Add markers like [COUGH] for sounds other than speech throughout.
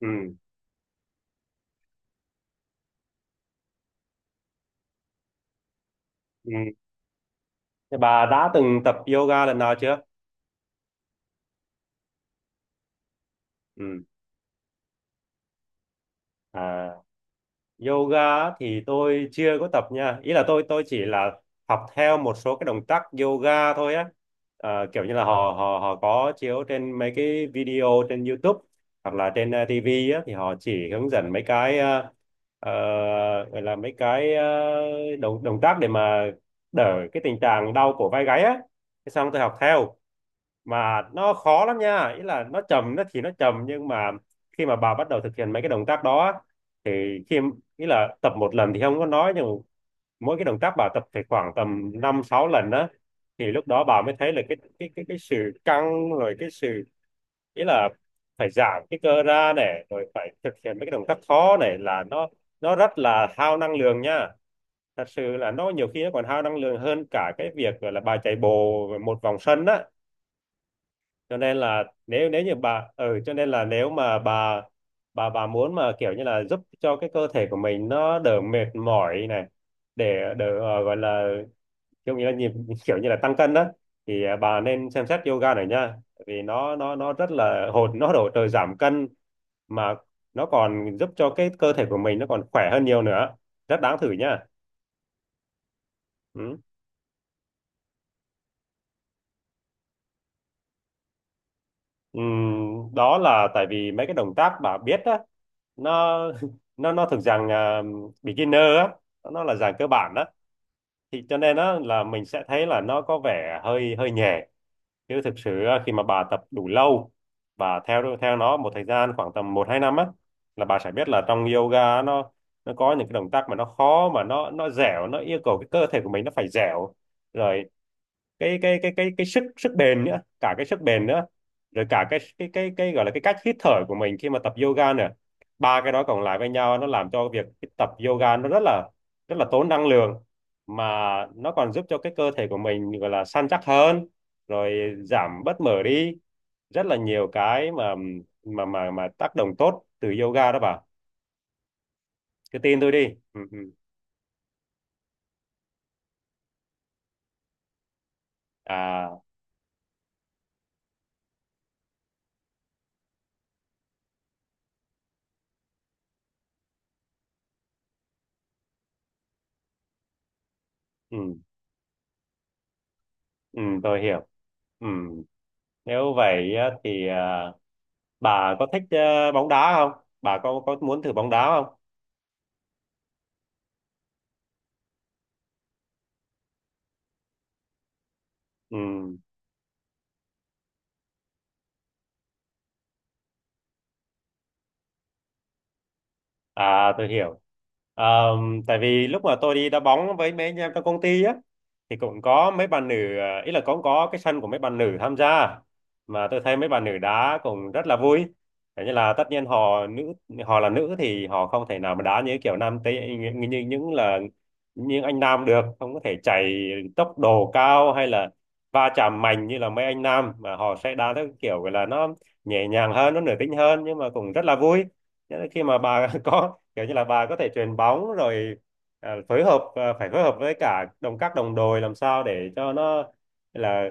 Ừ. Ừ. Thế bà đã từng tập yoga lần nào chưa? Ừ. À, yoga á thì tôi chưa có tập nha. Ý là tôi chỉ là học theo một số cái động tác yoga thôi á. À, kiểu như là họ họ họ có chiếu trên mấy cái video trên YouTube hoặc là trên TV á thì họ chỉ hướng dẫn mấy cái ờ, gọi là mấy cái động động tác để mà đỡ cái tình trạng đau cổ vai gáy á. Thế xong tôi học theo. Mà nó khó lắm nha, ý là nó thì nó trầm nhưng mà khi mà bà bắt đầu thực hiện mấy cái động tác đó á, thì khi ý là tập một lần thì không có nói, nhưng mỗi cái động tác bà tập phải khoảng tầm 5 6 lần đó thì lúc đó bà mới thấy là cái sự căng, rồi cái sự, ý là phải giãn cái cơ ra này, rồi phải thực hiện mấy cái động tác khó này, là nó rất là hao năng lượng nha. Thật sự là nó nhiều khi nó còn hao năng lượng hơn cả cái việc gọi là bà chạy bộ một vòng sân á, cho nên là nếu nếu như bà, ừ, cho nên là nếu mà bà muốn mà kiểu như là giúp cho cái cơ thể của mình nó đỡ mệt mỏi này, để đỡ gọi là kiểu như là nhịp kiểu như là tăng cân đó, thì bà nên xem xét yoga này nha, vì nó rất là nó hỗ trợ giảm cân, mà nó còn giúp cho cái cơ thể của mình nó còn khỏe hơn nhiều nữa, rất đáng thử nha. Ừ. Đó là tại vì mấy cái động tác bà biết á, nó [LAUGHS] nó thuộc dạng beginner á, nó là dạng cơ bản đó, thì cho nên á là mình sẽ thấy là nó có vẻ hơi hơi nhẹ, chứ thực sự á, khi mà bà tập đủ lâu và theo theo nó một thời gian khoảng tầm 1 2 năm á, là bà sẽ biết là trong yoga á, nó có những cái động tác mà nó khó, mà nó dẻo, nó yêu cầu cái cơ thể của mình nó phải dẻo, rồi cái sức sức bền nữa, cả cái sức bền nữa, rồi cả cái gọi là cái cách hít thở của mình khi mà tập yoga nữa, ba cái đó cộng lại với nhau nó làm cho việc tập yoga nó rất là tốn năng lượng, mà nó còn giúp cho cái cơ thể của mình gọi là săn chắc hơn, rồi giảm bớt mỡ đi, rất là nhiều cái mà tác động tốt từ yoga đó bà, cứ tin tôi đi. Ừ, ừ. À, ừ, ừ, tôi hiểu. Ừ. Nếu vậy á, thì bà có thích bóng đá không? Bà có muốn thử bóng đá không? Ừ. À, tôi hiểu. Tại vì lúc mà tôi đi đá bóng với mấy anh em trong công ty á, thì cũng có mấy bạn nữ, ý là cũng có cái sân của mấy bạn nữ tham gia, mà tôi thấy mấy bạn nữ đá cũng rất là vui. Thế như là tất nhiên họ là nữ, thì họ không thể nào mà đá như kiểu nam tây như những anh nam được, không có thể chạy tốc độ cao hay là va chạm mạnh như là mấy anh nam, mà họ sẽ đá theo kiểu gọi là nó nhẹ nhàng hơn, nó nữ tính hơn, nhưng mà cũng rất là vui. Nghĩa là khi mà bà [LAUGHS] có kiểu như là bà có thể chuyền bóng rồi, phải phối hợp với cả các đồng đội làm sao để cho nó là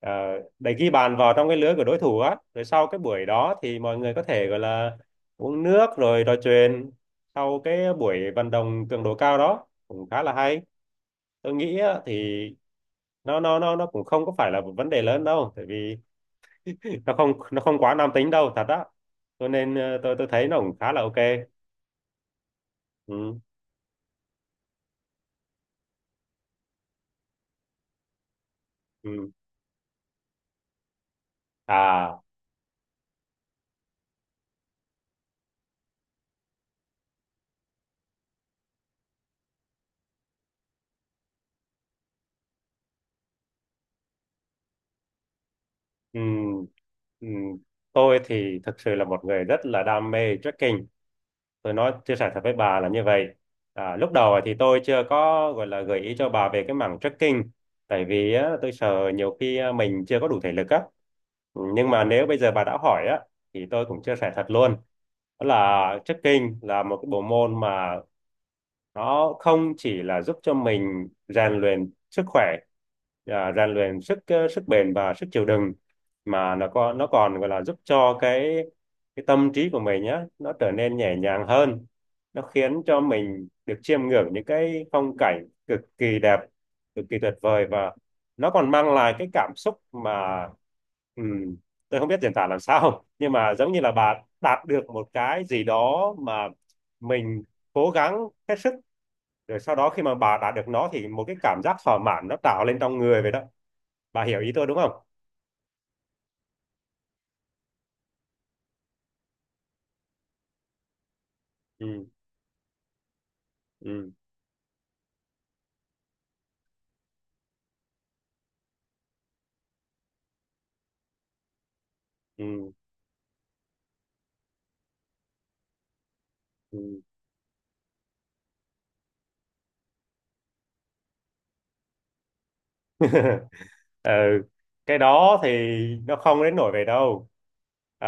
à, để ghi bàn vào trong cái lưới của đối thủ á, rồi sau cái buổi đó thì mọi người có thể gọi là uống nước rồi trò chuyện sau cái buổi vận động cường độ cao đó, cũng khá là hay. Tôi nghĩ á, thì nó cũng không có phải là một vấn đề lớn đâu, tại vì [LAUGHS] nó không quá nam tính đâu thật á, cho nên tôi thấy nó cũng khá là ok. Ừ. Ừ. À, ừm, ừm, tôi thì thực sự là một người rất là đam mê trekking. Tôi chia sẻ thật với bà là như vậy. À, lúc đầu thì tôi chưa có gọi là gợi ý cho bà về cái mảng trekking, tại vì á, tôi sợ nhiều khi á, mình chưa có đủ thể lực á. Ừ, nhưng mà nếu bây giờ bà đã hỏi á, thì tôi cũng chia sẻ thật luôn. Đó là trekking là một cái bộ môn mà nó không chỉ là giúp cho mình rèn luyện sức khỏe, rèn luyện sức bền và sức chịu đựng, mà nó còn gọi là giúp cho cái tâm trí của mình nhá, nó trở nên nhẹ nhàng hơn, nó khiến cho mình được chiêm ngưỡng những cái phong cảnh cực kỳ đẹp, cực kỳ tuyệt vời, và nó còn mang lại cái cảm xúc mà, ừm, tôi không biết diễn tả làm sao, [LAUGHS] nhưng mà giống như là bà đạt được một cái gì đó mà mình cố gắng hết sức, rồi sau đó khi mà bà đạt được nó thì một cái cảm giác thỏa mãn nó tạo lên trong người vậy đó. Bà hiểu ý tôi đúng không? Ừ, ừ, ừ, ừ. [LAUGHS] Ừ, cái đó thì nó không đến nổi về đâu. à,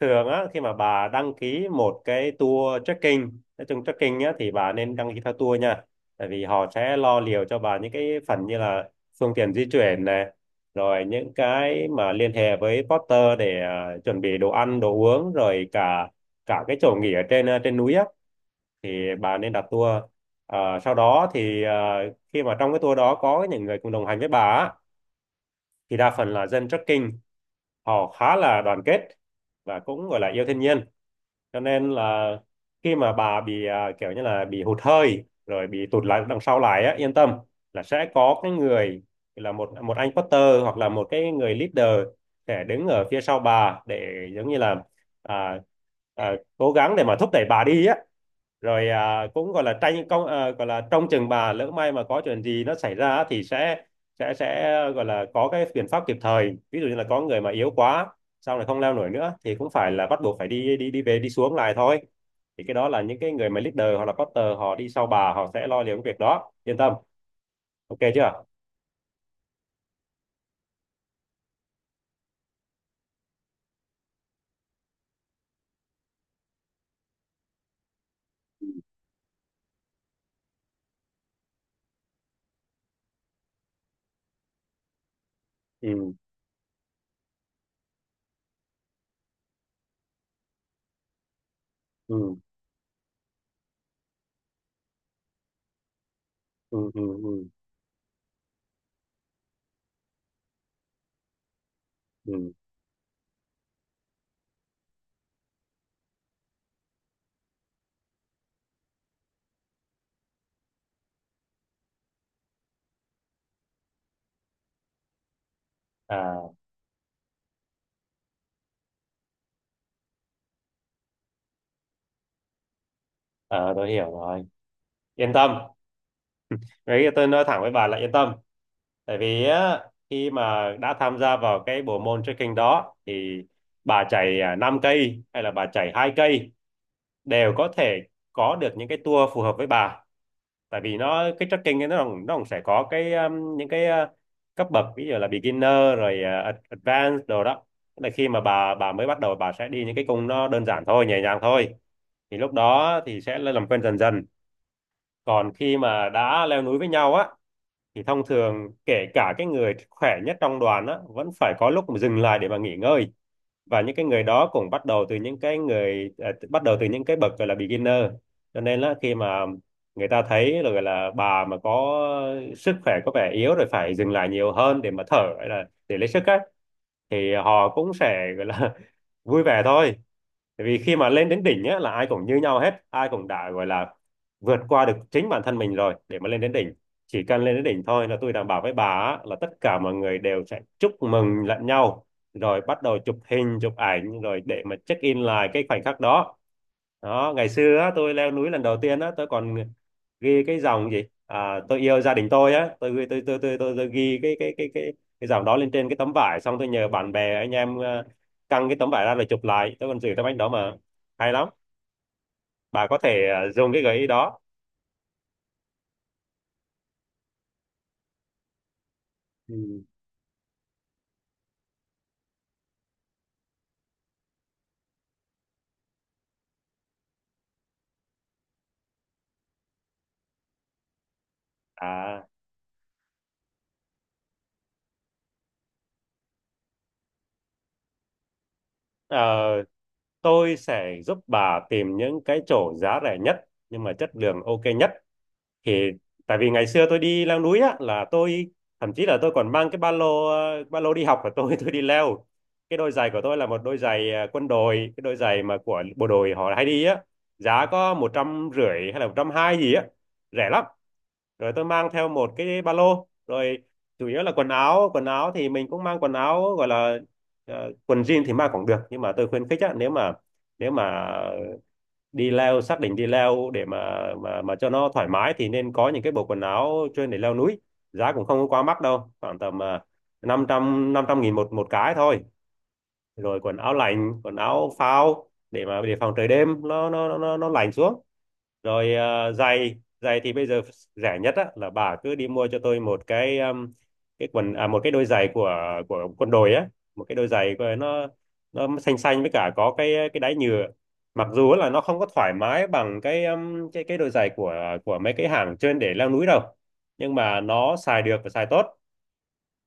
Thường á, khi mà bà đăng ký một cái tour trekking, nói chung trekking á thì bà nên đăng ký theo tour nha, tại vì họ sẽ lo liệu cho bà những cái phần như là phương tiện di chuyển này, rồi những cái mà liên hệ với porter để chuẩn bị đồ ăn đồ uống, rồi cả cả cái chỗ nghỉ ở trên, trên núi á, thì bà nên đặt tour. À, sau đó thì khi mà trong cái tour đó có những người cùng đồng hành với bà á, thì đa phần là dân trekking, họ khá là đoàn kết và cũng gọi là yêu thiên nhiên, cho nên là khi mà bà bị kiểu như là bị hụt hơi rồi bị tụt lại đằng sau lại á, yên tâm là sẽ có cái người, là một một anh porter hoặc là một cái người leader sẽ đứng ở phía sau bà để giống như là à, cố gắng để mà thúc đẩy bà đi á, rồi cũng gọi là tranh công, gọi là trong chừng bà lỡ may mà có chuyện gì nó xảy ra thì sẽ gọi là có cái biện pháp kịp thời, ví dụ như là có người mà yếu quá sau này không leo nổi nữa thì cũng phải là bắt buộc phải đi đi đi về đi xuống lại thôi, thì cái đó là những cái người mà leader hoặc là porter họ đi sau bà, họ sẽ lo liệu cái việc đó, yên tâm. Ok chưa? Ừ, ừ, ừ, ừ, ừ, ừ. à, à, tôi hiểu rồi, yên tâm. Đấy tôi nói thẳng với bà là yên tâm. Tại vì á, khi mà đã tham gia vào cái bộ môn trekking đó, thì bà chạy 5 cây hay là bà chạy 2 cây đều có thể có được những cái tour phù hợp với bà. Tại vì cái trekking ấy nó cũng sẽ có cái những cái cấp bậc, ví dụ là beginner rồi advanced đồ đó. Tức là khi mà bà mới bắt đầu bà sẽ đi những cái cung nó đơn giản thôi, nhẹ nhàng thôi. Thì lúc đó thì sẽ làm quen dần dần. Còn khi mà đã leo núi với nhau á thì thông thường kể cả cái người khỏe nhất trong đoàn á vẫn phải có lúc mà dừng lại để mà nghỉ ngơi, và những cái người đó cũng bắt đầu từ những cái người bắt đầu từ những cái bậc gọi là beginner. Cho nên là khi mà người ta thấy là gọi là bà mà có sức khỏe có vẻ yếu rồi phải dừng lại nhiều hơn để mà thở hay là để lấy sức á thì họ cũng sẽ gọi là [LAUGHS] vui vẻ thôi. Tại vì khi mà lên đến đỉnh á, là ai cũng như nhau hết, ai cũng đã gọi là vượt qua được chính bản thân mình rồi để mà lên đến đỉnh. Chỉ cần lên đến đỉnh thôi là tôi đảm bảo với bà á, là tất cả mọi người đều sẽ chúc mừng lẫn nhau, rồi bắt đầu chụp hình chụp ảnh rồi để mà check in lại cái khoảnh khắc đó. Đó, ngày xưa á, tôi leo núi lần đầu tiên á tôi còn ghi cái dòng gì tôi yêu gia đình tôi á, tôi ghi cái dòng đó lên trên cái tấm vải, xong tôi nhờ bạn bè anh em căng cái tấm vải ra rồi chụp lại. Tôi còn giữ tấm ảnh đó mà, hay lắm. Bà có thể dùng cái gợi ý đó. Ừ. à ờ, tôi sẽ giúp bà tìm những cái chỗ giá rẻ nhất nhưng mà chất lượng ok nhất. Thì tại vì ngày xưa tôi đi leo núi á là tôi thậm chí là tôi còn mang cái ba lô, ba lô đi học của tôi [LAUGHS] tôi đi leo. Cái đôi giày của tôi là một đôi giày quân đội, cái đôi giày mà của bộ đội họ hay đi á, giá có một trăm rưỡi hay là một trăm hai gì á, rẻ lắm. Rồi tôi mang theo một cái ba lô, rồi chủ yếu là quần áo. Quần áo thì mình cũng mang quần áo gọi là quần jean thì mang cũng được, nhưng mà tôi khuyến khích á, nếu mà nếu mà đi leo, xác định đi leo để mà cho nó thoải mái thì nên có những cái bộ quần áo chuyên để leo núi. Giá cũng không có quá mắc đâu, khoảng tầm năm trăm nghìn một một cái thôi. Rồi quần áo lạnh, quần áo phao để mà để phòng trời đêm nó lạnh xuống. Rồi giày giày thì bây giờ rẻ nhất á, là bà cứ đi mua cho tôi một cái quần một cái đôi giày của quân đội á, một cái đôi giày của nó. Nó xanh xanh với cả có cái đáy nhựa. Mặc dù là nó không có thoải mái bằng cái cái đôi giày của mấy cái hàng trên để leo núi đâu, nhưng mà nó xài được và xài tốt.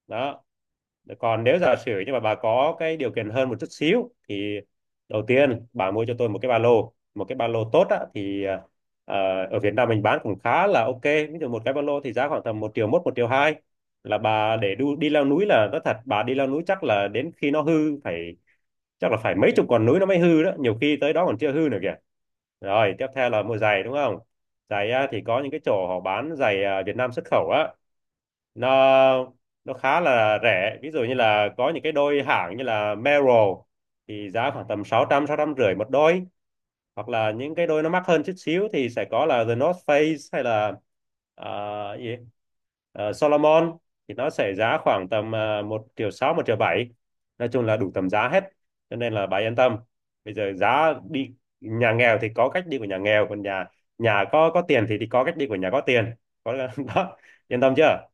Đó. Còn nếu giả sử nhưng mà bà có cái điều kiện hơn một chút xíu thì đầu tiên bà mua cho tôi một cái ba lô, một cái ba lô tốt á, thì ở Việt Nam mình bán cũng khá là ok. Ví dụ một cái ba lô thì giá khoảng tầm một triệu mốt, một triệu hai là bà để đi leo núi, là nói thật bà đi leo núi chắc là đến khi nó hư. Phải, chắc là phải mấy chục con núi nó mới hư đó, nhiều khi tới đó còn chưa hư nữa kìa. Rồi tiếp theo là mua giày, đúng không? Giày á, thì có những cái chỗ họ bán giày Việt Nam xuất khẩu á, nó nó khá là rẻ. Ví dụ như là có những cái đôi hãng như là Merrell thì giá khoảng tầm sáu trăm rưỡi một đôi. Hoặc là những cái đôi nó mắc hơn chút xíu thì sẽ có là The North Face hay là ờ, gì Solomon, thì nó sẽ giá khoảng tầm 1 triệu sáu, một triệu 7. Nói chung là đủ tầm giá hết, cho nên là bà yên tâm. Bây giờ giá đi, nhà nghèo thì có cách đi của nhà nghèo, còn nhà nhà có tiền thì có cách đi của nhà có tiền. Có [LAUGHS] đó, yên tâm chưa?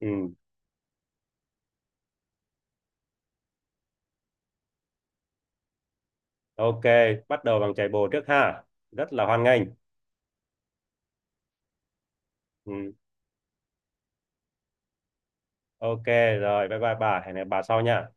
Ừ. Ok, bắt đầu bằng chạy bộ trước ha. Rất là hoan nghênh. Ừ. Ok, rồi, bye bye bà. Hẹn gặp bà sau nha.